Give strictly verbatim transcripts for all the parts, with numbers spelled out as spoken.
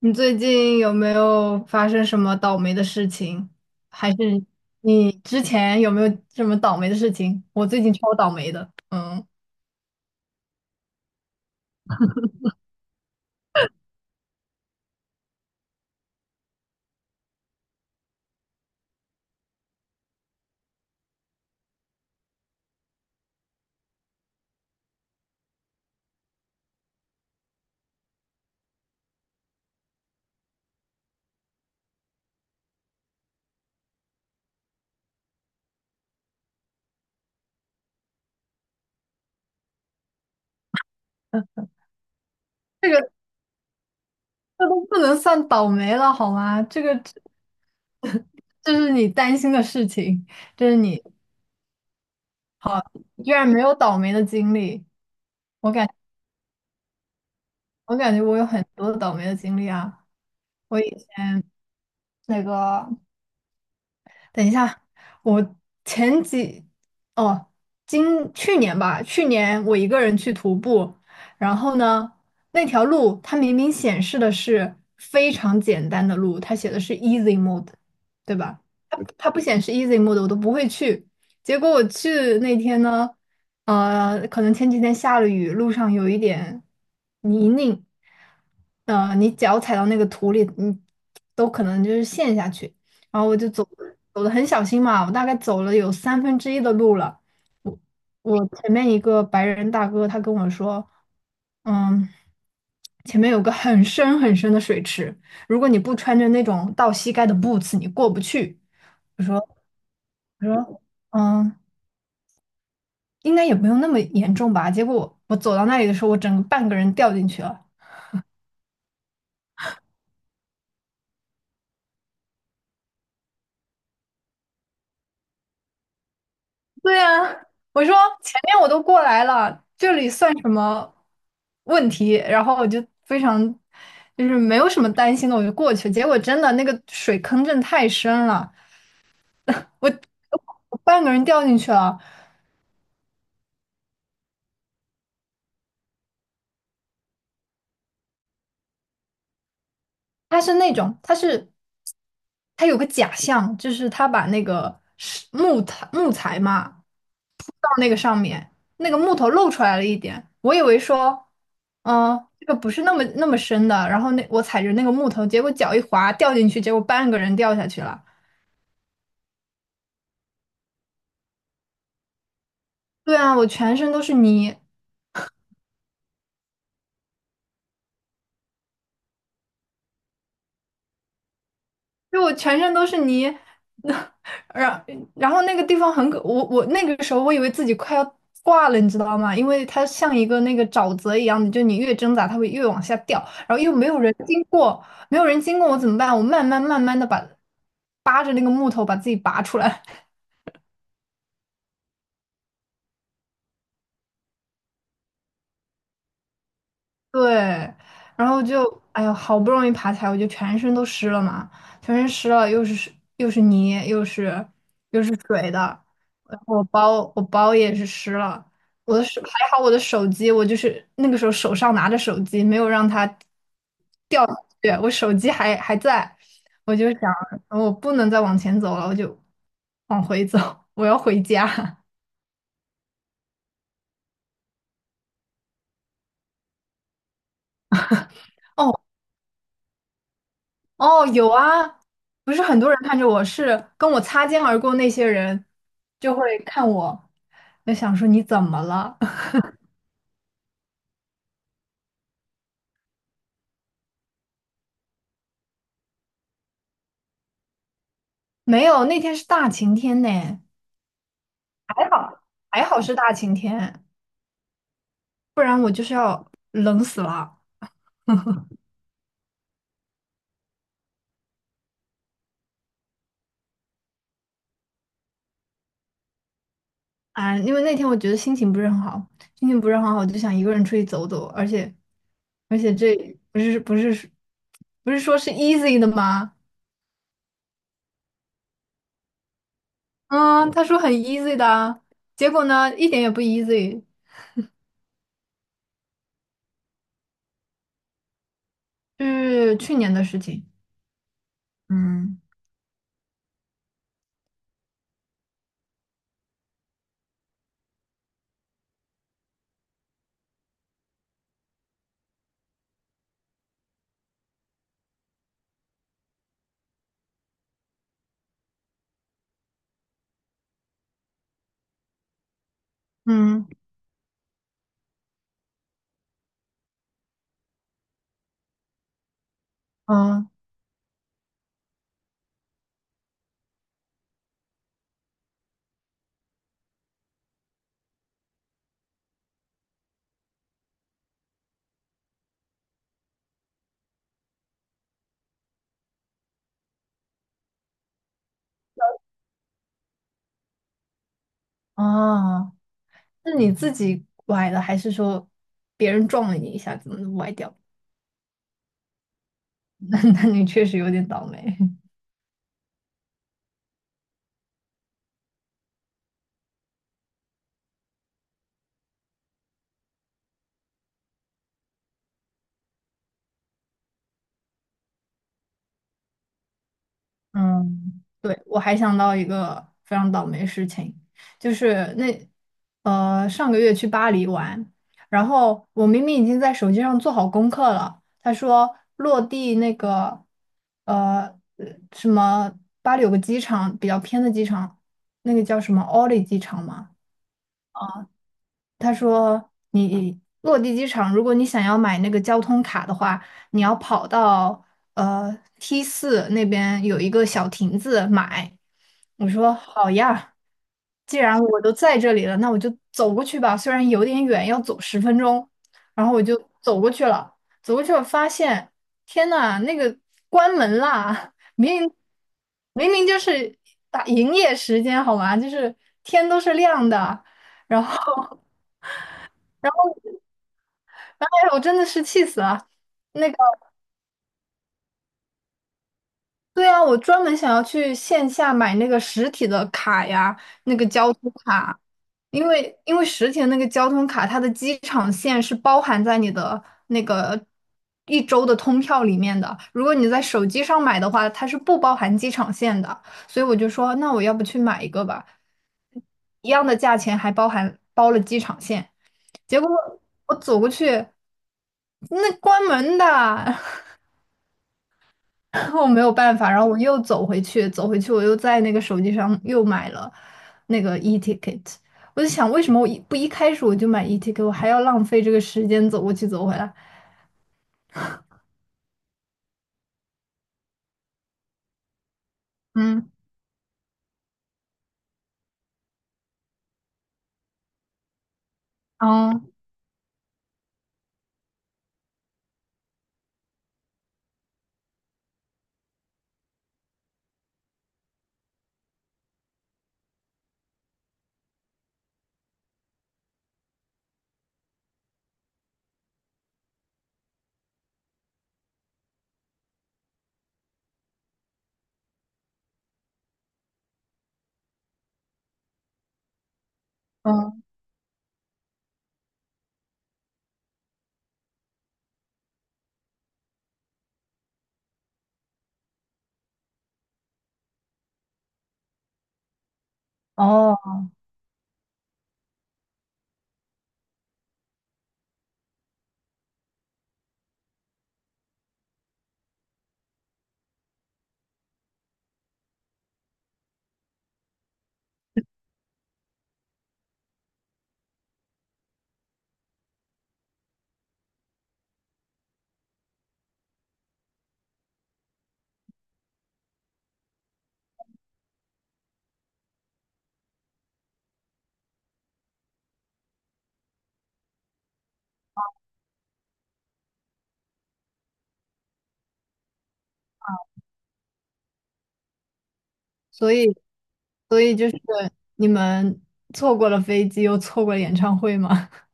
你最近有没有发生什么倒霉的事情？还是你之前有没有什么倒霉的事情？我最近超倒霉的，嗯，这个这都不能算倒霉了好吗？这个 这是你担心的事情，这是你居然没有倒霉的经历。我感我感觉我有很多倒霉的经历啊，我以那个。等一下，我前几哦，今去年吧，去年我一个人去徒步，然后呢，那条路它明明显示的是非常简单的路，它写的是 easy mode,对吧？它它不显示 easy mode,我都不会去。结果我去那天呢，呃，可能前几天下了雨，路上有一点泥泞，呃，你脚踩到那个土里，你都可能就是陷下去。然后我就走走的很小心嘛，我大概走了有三分之一的路了。我前面一个白人大哥他跟我说，嗯，前面有个很深很深的水池，如果你不穿着那种到膝盖的 boots,你过不去。我说我说嗯，应该也不用那么严重吧。结果我走到那里的时候，我整个半个人掉进去了，对呀，我说前面我都过来了，这里算什么问题？然后我就非常就是没有什么担心的，我就过去。结果真的那个水坑真的太深了，我我半个人掉进去了。它是那种，它是它有个假象，就是它把那个是木材木材嘛，到那个上面，那个木头露出来了一点，我以为说，嗯，这个不是那么那么深的，然后那我踩着那个木头，结果脚一滑掉进去，结果半个人掉下去了。对啊，我全身都是泥。就我全身都是泥，然然后那个地方很可，我我那个时候我以为自己快要挂了，你知道吗？因为它像一个那个沼泽一样的，就你越挣扎，它会越往下掉，然后又没有人经过，没有人经过我怎么办？我慢慢慢慢的把扒着那个木头把自己拔出来。对，然后就，哎呦，好不容易爬起来，我就全身都湿了嘛，全身湿了，又是湿又是泥，又是又是水的，然后我包我包也是湿了，我的手还好，我的手机，我就是那个时候手上拿着手机，没有让它掉下去，我手机还还在，我就想，我不能再往前走了，我就往回走，我要回家。哦。哦，有啊，不是很多人看着我，是跟我擦肩而过那些人就会看我，就想说你怎么了？没有，那天是大晴天呢，还好还好是大晴天，不然我就是要冷死了啊！因为那天我觉得心情不是很好，心情不是很好，我就想一个人出去走走，而且而且这不是不是不是说是 easy 的吗？嗯，他说很 easy 的啊结果呢一点也不 easy。是去年的事情。嗯。嗯。嗯。哦，是你自己崴的，还是说别人撞了你一下子崴掉？那那你确实有点倒霉。嗯，对，我还想到一个非常倒霉的事情，就是那呃上个月去巴黎玩，然后我明明已经在手机上做好功课了，他说落地那个呃呃什么巴黎有个机场比较偏的机场，那个叫什么奥利机场吗？他说你落地机场，如果你想要买那个交通卡的话，你要跑到呃 T 四那边有一个小亭子买。我说好呀，既然我都在这里了，那我就走过去吧。虽然有点远，要走十分钟，然后我就走过去了。走过去我发现，天呐，那个关门啦！明明明就是打营业时间好吗？就是天都是亮的，然后。哎呀，我真的是气死了。那个，对啊，我专门想要去线下买那个实体的卡呀，那个交通卡，因为因为实体的那个交通卡，它的机场线是包含在你的那个一周的通票里面的。如果你在手机上买的话，它是不包含机场线的。所以我就说，那我要不去买一个吧，一样的价钱还包含包了机场线。结果我走过去，那关门的。我没有办法，然后我又走回去，走回去我又在那个手机上又买了那个 e ticket。我就想，为什么我一不一开始我就买 e ticket,我还要浪费这个时间走过去走回来？嗯。哦。嗯。哦。所以，所以就是你们错过了飞机，又错过了演唱会吗？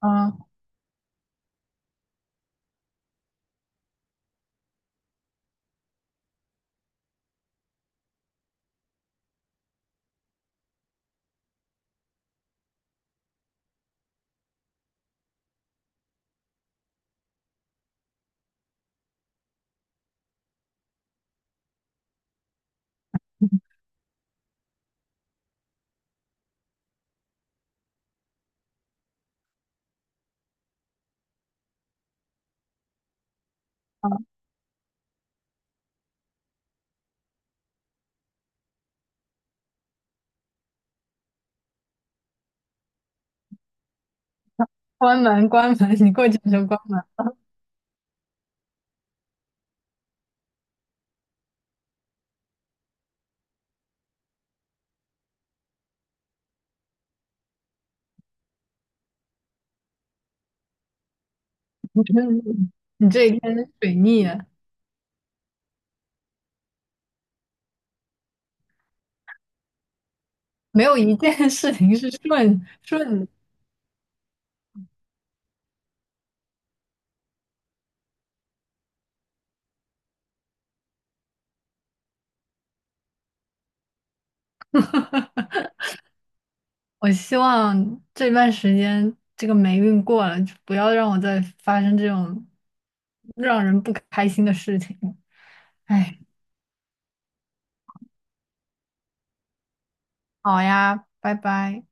嗯，关门，关门，你过去就关门。你真，你这一天水逆了，没有一件事情是顺顺的。我希望这段时间这个霉运过了，就不要让我再发生这种让人不开心的事情。哎，好呀，拜拜。